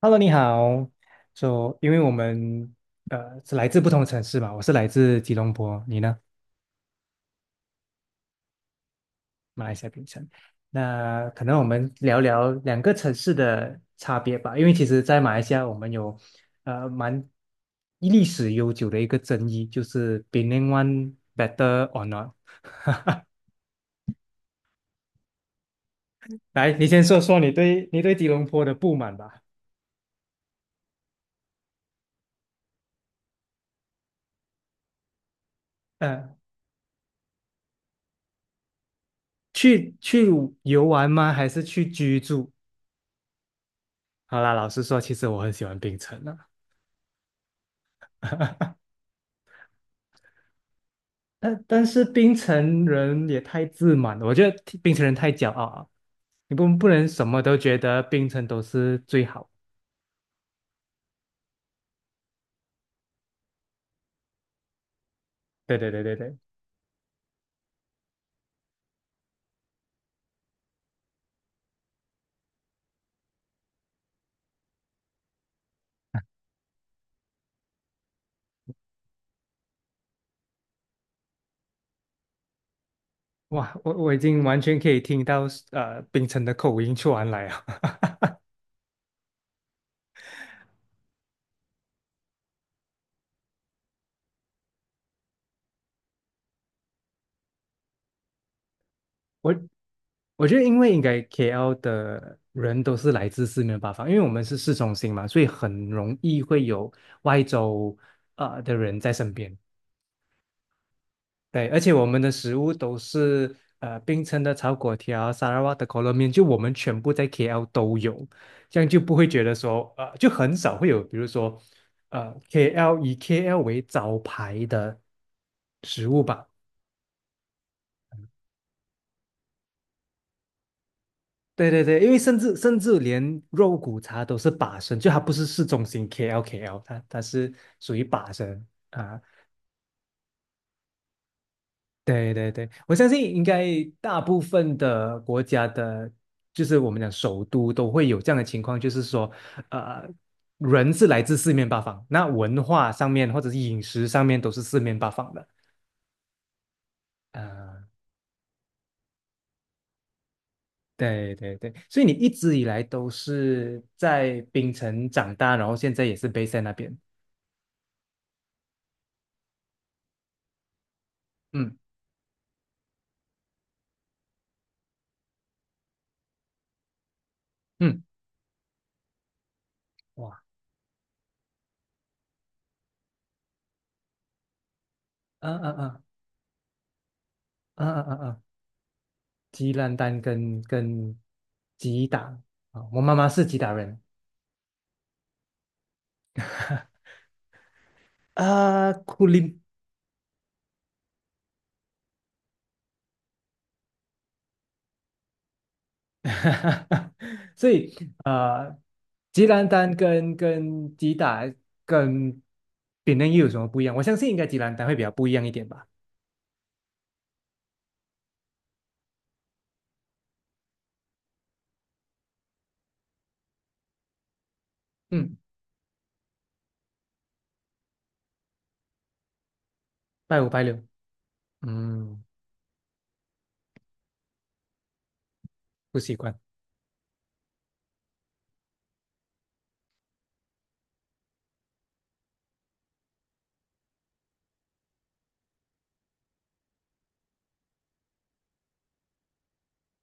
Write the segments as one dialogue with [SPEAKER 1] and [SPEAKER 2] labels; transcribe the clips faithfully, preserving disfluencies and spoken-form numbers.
[SPEAKER 1] Hello，你好。就因为我们呃是来自不同的城市嘛，我是来自吉隆坡，你呢？马来西亚槟城。那可能我们聊聊两个城市的差别吧，因为其实，在马来西亚我们有呃蛮历史悠久的一个争议，就是 p e n n g One better or not。来，你先说说你对你对吉隆坡的不满吧。呃，去去游玩吗？还是去居住？好啦，老实说，其实我很喜欢槟城啊。但但是槟城人也太自满了，我觉得槟城人太骄傲了，你不不能什么都觉得槟城都是最好。对对对对对，哇，我我已经完全可以听到呃槟城的口音传来啊。我我觉得因为应该 K L 的人都是来自四面八方，因为我们是市中心嘛，所以很容易会有外州呃的人在身边。对，而且我们的食物都是呃冰城的炒粿条、沙拉瓦的可乐面，就我们全部在 K L 都有，这样就不会觉得说呃就很少会有，比如说呃 K L 以 K L 为招牌的食物吧。对对对，因为甚至甚至连肉骨茶都是把生，就它不是市中心 K L K L，它它是属于把生啊。对对对，我相信应该大部分的国家的，就是我们讲首都都会有这样的情况，就是说，呃，人是来自四面八方，那文化上面或者是饮食上面都是四面八方的。呃，对对对，所以你一直以来都是在槟城长大，然后现在也是 base 在那边。嗯嗯，哇，嗯嗯嗯嗯嗯嗯嗯，吉烂丹跟跟吉打啊，我妈妈是吉打人。啊，库林。 所以呃，吉兰丹跟跟吉打跟比嫩又有什么不一样？我相信应该吉兰丹会比较不一样一点吧。嗯，拜五拜六，嗯，不习惯。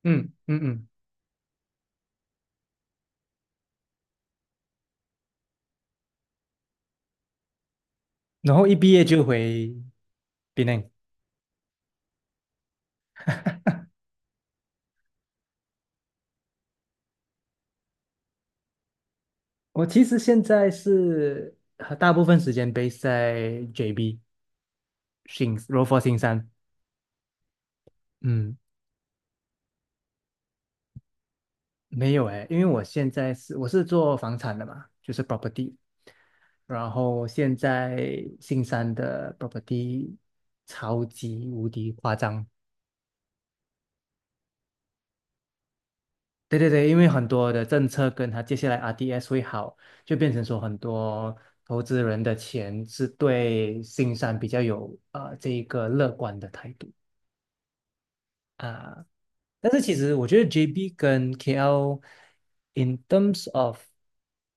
[SPEAKER 1] 嗯嗯嗯，然后一毕业就回比嫩。我其实现在是呃大部分时间 base 在 J B 新罗佛新山。嗯。没有哎，因为我现在是我是做房产的嘛，就是 property,然后现在新山的 property 超级无敌夸张。对对对，因为很多的政策跟它接下来 R D S 会好，就变成说很多投资人的钱是对新山比较有呃这一个乐观的态度。啊，但是其实我觉得 J B 跟 K L in terms of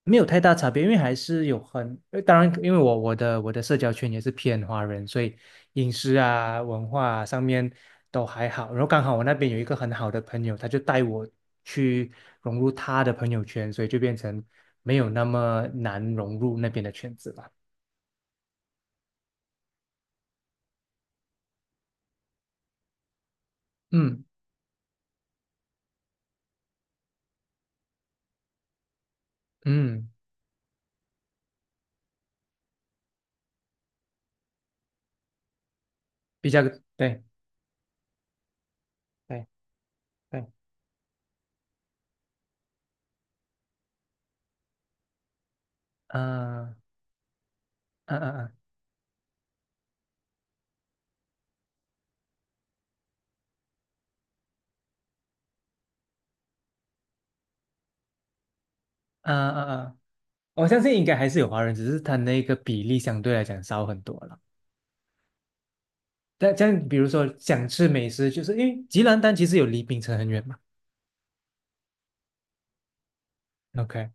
[SPEAKER 1] 没有太大差别，因为还是有很，呃当然，因为我我的我的社交圈也是偏华人，所以饮食啊、文化啊上面都还好。然后刚好我那边有一个很好的朋友，他就带我去融入他的朋友圈，所以就变成没有那么难融入那边的圈子了。嗯嗯，比较对对对，啊啊啊啊啊啊啊。我相信应该还是有华人，只是他那个比例相对来讲少很多了。但这样，比如说想吃美食，就是因为吉兰丹其实有离槟城很远嘛，OK,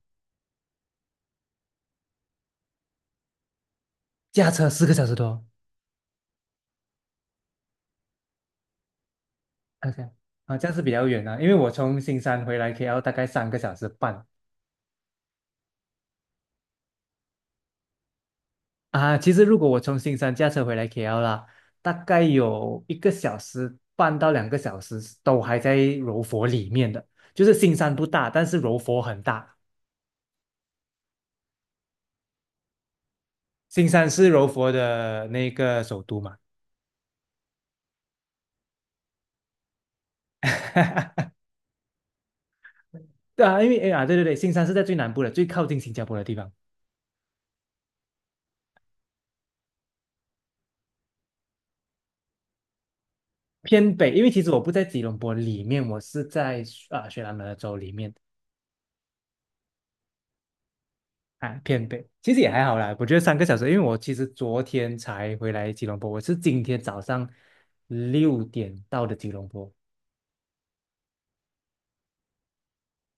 [SPEAKER 1] 驾车四个小时多，OK,啊，这样是比较远啊。因为我从新山回来 k 要大概三个小时半啊。其实如果我从新山驾车回来 K L 啦，大概有一个小时半到两个小时都还在柔佛里面的，就是新山不大，但是柔佛很大。新山是柔佛的那个首都嘛。对啊，因为哎呀，对对对，新山是在最南部的，最靠近新加坡的地方，偏北。因为其实我不在吉隆坡里面，我是在啊雪兰莪州里面啊偏北。其实也还好啦，我觉得三个小时，因为我其实昨天才回来吉隆坡，我是今天早上六点到的吉隆坡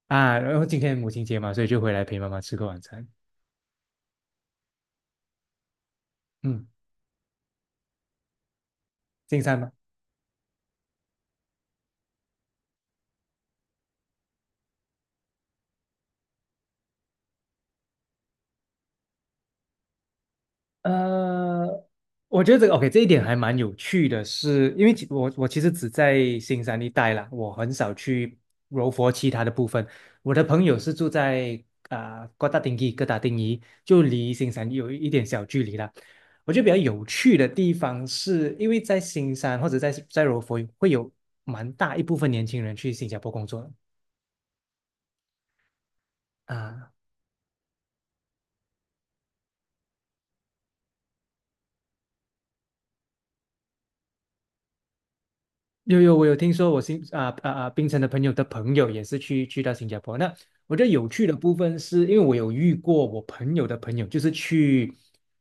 [SPEAKER 1] 啊，然后今天母亲节嘛，所以就回来陪妈妈吃个晚餐。嗯，进山吧。呃，我觉得这个 OK,这一点还蛮有趣的是，因为其我我其实只在新山一带啦，我很少去柔佛其他的部分。我的朋友是住在啊、呃哥打丁基、哥打丁尼，就离新山有一点小距离啦。我觉得比较有趣的地方是，因为在新山或者在在柔佛会有蛮大一部分年轻人去新加坡工作啊、有有，我有听说我新啊啊啊，槟城的朋友的朋友也是去去到新加坡。那我觉得有趣的部分是，因为我有遇过我朋友的朋友，就是去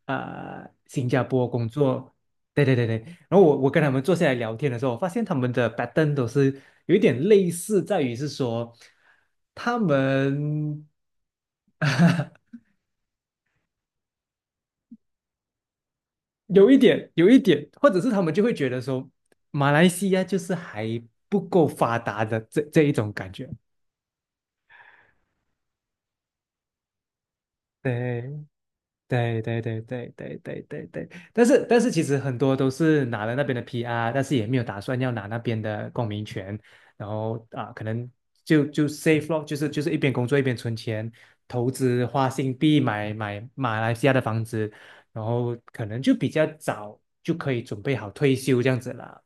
[SPEAKER 1] 啊、新加坡工作。对对对对，然后我我跟他们坐下来聊天的时候，我发现他们的 pattern 都是有一点类似，在于是说他们。 有一点有一点，或者是他们就会觉得说马来西亚就是还不够发达的这这一种感觉。对对对对对对对对对，但是但是其实很多都是拿了那边的 P R,但是也没有打算要拿那边的公民权，然后啊，可能就就 s a f e 咯，就是就是一边工作一边存钱，投资花新币买买马来西亚的房子，然后可能就比较早就可以准备好退休这样子啦。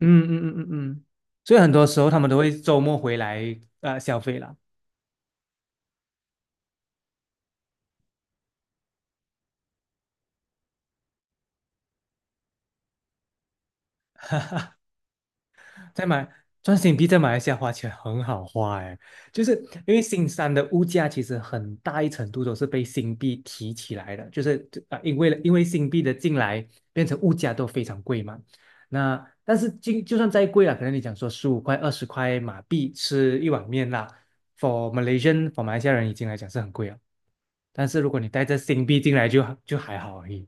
[SPEAKER 1] 嗯嗯嗯嗯嗯，所以很多时候他们都会周末回来呃消费啦。在马赚新币在马来西亚花钱很好花哎，就是因为新山的物价其实很大一程度都是被新币提起来的，就是啊、呃因为因为新币的进来变成物价都非常贵嘛。那但是就就算再贵了，可能你讲说十五块二十块马币吃一碗面啦，for Malaysian for 马来西亚人已经来讲是很贵了，但是如果你带着新币进来就就还好而已，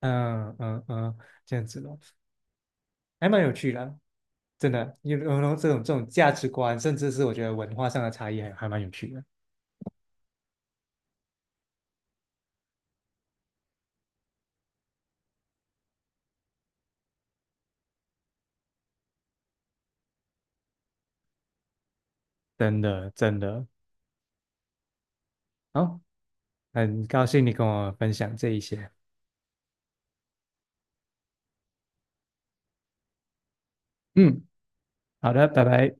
[SPEAKER 1] 嗯嗯嗯，这样子咯，还蛮有趣的。真的，有有有这种这种价值观，甚至是我觉得文化上的差异还还蛮有趣的，真的真的。好，很高兴你跟我分享这一些。嗯，好的，拜拜。